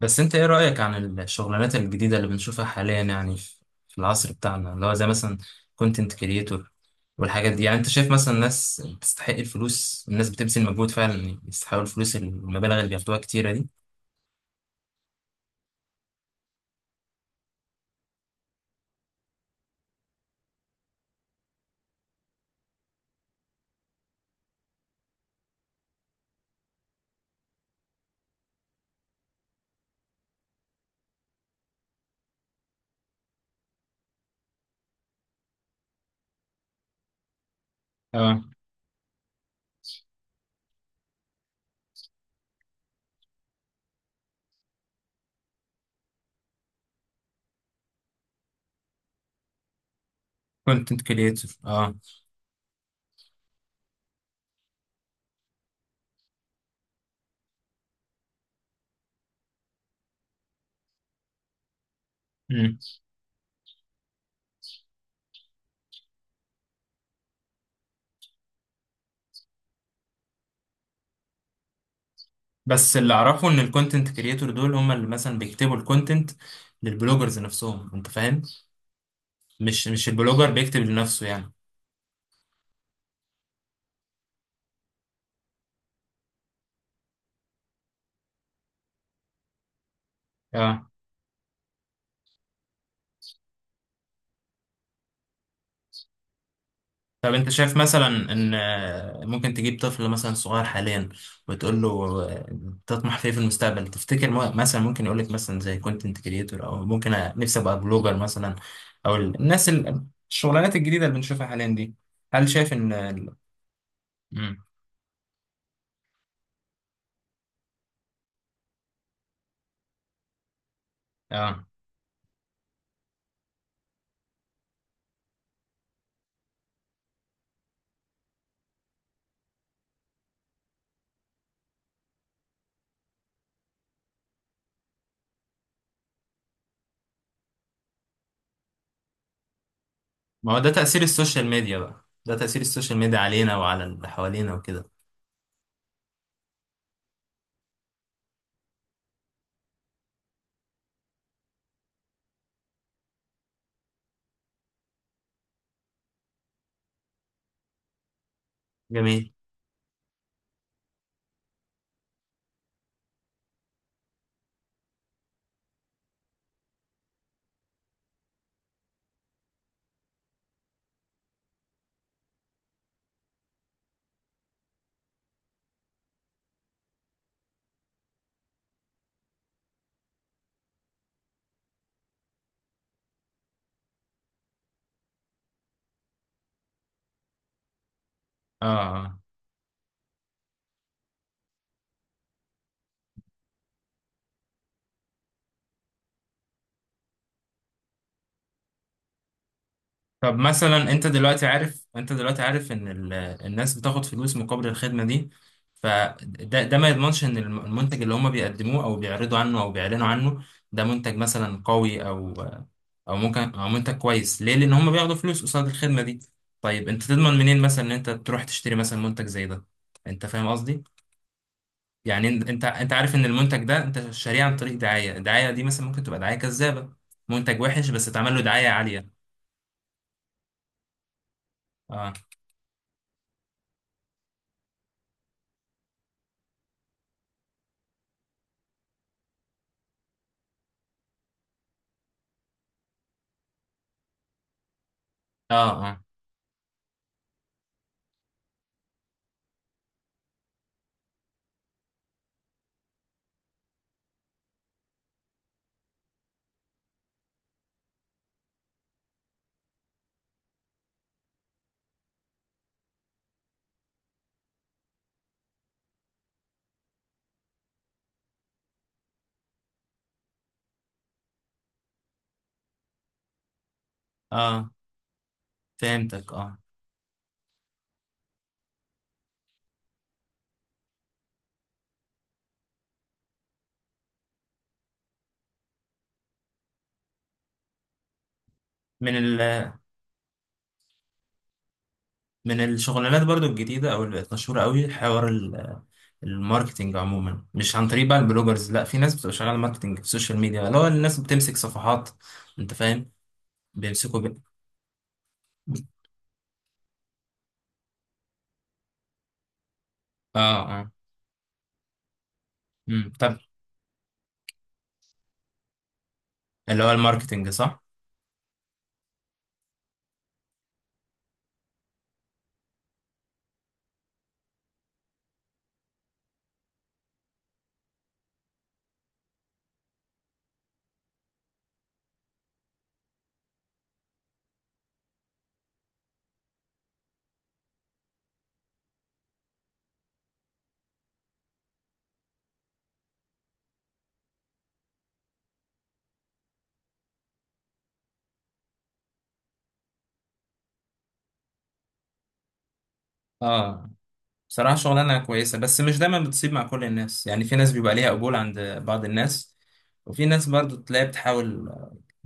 بس انت ايه رأيك عن الشغلانات الجديدة اللي بنشوفها حاليا، يعني في العصر بتاعنا، اللي هو زي مثلا كونتنت كريتور والحاجات دي؟ يعني انت شايف مثلا ناس تستحق الفلوس؟ الناس بتبذل مجهود فعلا يستحقوا الفلوس، المبالغ اللي بياخدوها كتيرة دي؟ اه. كونتنت كريتور، اه. مم. بس اللي اعرفه ان الكونتنت كريتور دول هم اللي مثلا بيكتبوا الكونتنت للبلوجرز نفسهم، انت فاهم؟ مش البلوجر بيكتب لنفسه يعني. طب انت شايف مثلا ان ممكن تجيب طفل مثلا صغير حاليا، وتقول له آه، تطمح في ايه في المستقبل؟ تفتكر مثلا ممكن يقول لك مثلا زي كونتنت كريتور، او ممكن نفسي ابقى بلوجر مثلا، او الناس الشغلانات الجديده اللي بنشوفها حاليا دي، هل شايف ان مم. اه، ما هو ده تاثير السوشيال ميديا بقى، ده تاثير السوشيال ميديا علينا وعلى اللي حوالينا وكده. جميل. اه. طب مثلا، انت دلوقتي عارف ان الناس بتاخد فلوس مقابل الخدمه دي، فده ما يضمنش ان المنتج اللي هم بيقدموه او بيعرضوا عنه او بيعلنوا عنه ده منتج مثلا قوي، او ممكن او منتج كويس. ليه؟ لان هم بياخدوا فلوس قصاد الخدمه دي. طيب انت تضمن منين مثلا ان انت تروح تشتري مثلا منتج زي ده؟ انت فاهم قصدي؟ يعني انت انت أنت عارف ان المنتج ده انت شاريه عن طريق دعايه، الدعايه دي مثلا ممكن تبقى دعايه كذابه، منتج وحش بس اتعمل له دعايه عاليه. اه، اه، اه، اه. فهمتك، اه. من ال من الشغلانات برضو الجديدة أو اللي بقت مشهورة قوي، حوار الماركتينج عموما، مش عن طريق بقى البلوجرز، لا، في ناس بتبقى شغالة ماركتينج في السوشيال ميديا، اللي هو الناس بتمسك صفحات. أنت فاهم؟ بيمسكوا ب... اه، اه، طب، اللي هو الماركتينج، صح؟ اه، بصراحة شغلانة كويسة بس مش دايما بتصيب مع كل الناس، يعني في ناس بيبقى ليها قبول عند بعض الناس، وفي ناس برضو تلاقي بتحاول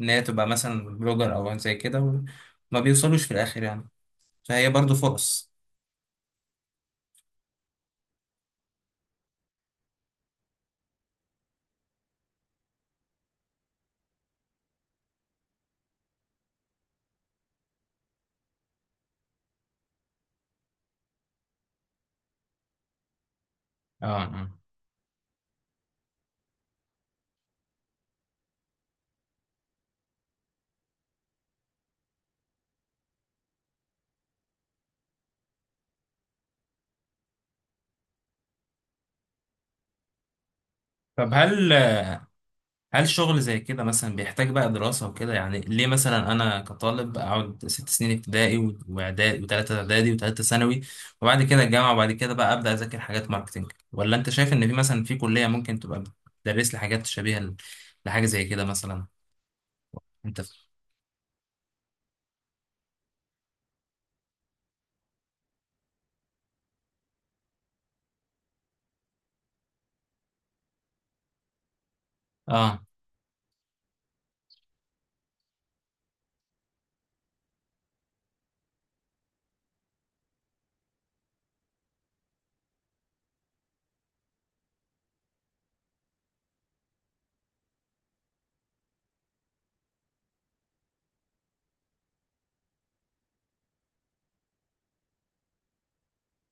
إن هي تبقى مثلا بلوجر أو زي كده، وما بيوصلوش في الآخر يعني. فهي برضو فرص. اه. آه. طب هل شغل زي كده مثلا بيحتاج بقى دراسة وكده؟ يعني ليه مثلا أنا كطالب أقعد 6 سنين ابتدائي وإعدادي، وتلاتة إعدادي وتلاتة ثانوي، وبعد كده الجامعة، وبعد كده بقى أبدأ أذاكر حاجات ماركتينج؟ ولا أنت شايف إن في مثلا، في كلية ممكن تبقى بتدرس لي حاجات شبيهة لحاجة زي كده مثلا؟ أنت ف... آه.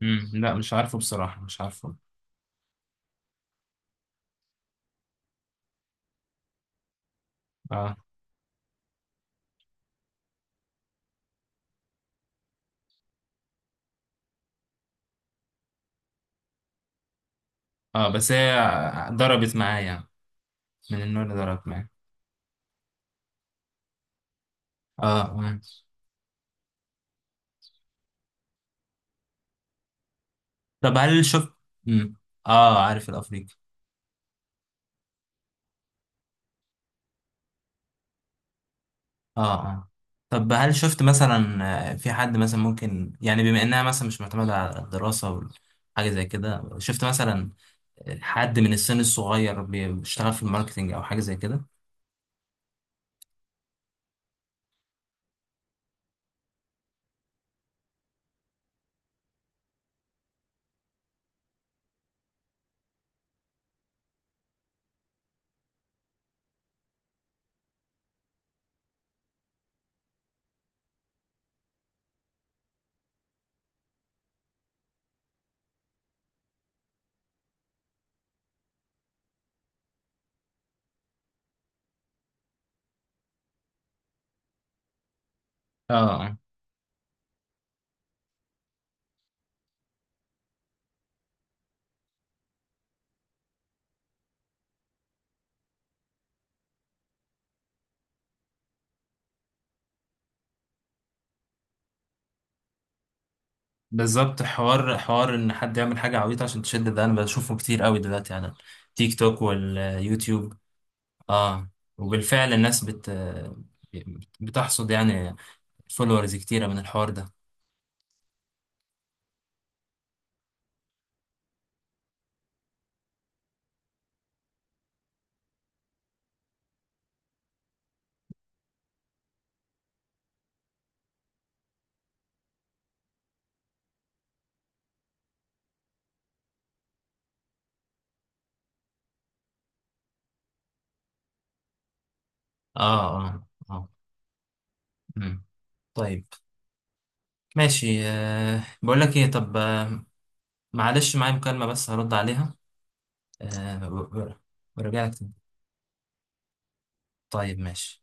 مم. لا مش عارفه بصراحة، مش عارفه. آه، آه، بس هي ضربت معايا يعني. من النوع اللي ضربت معايا. آه، آه. طب هل شفت؟ مم. آه، عارف الأفريقي. اه، اه. طب هل شفت مثلا في حد مثلا، ممكن يعني بما انها مثلا مش معتمدة على الدراسة وحاجة زي كده، شفت مثلا حد من السن الصغير بيشتغل في الماركتينج او حاجة زي كده؟ اه. اه. بالظبط، حوار، حوار ان حد يعمل حاجة عبيطة عشان تشد، ده انا بشوفه كتير قوي دلوقتي على تيك توك واليوتيوب. اه. وبالفعل الناس بتحصد يعني فولورز كتيرة من الحوار ده. اه، اه، اه. مم. طيب ماشي. أه، بقول لك ايه، طب معلش معايا مكالمة بس هرد عليها. أه، وارجع لك تاني. طيب ماشي.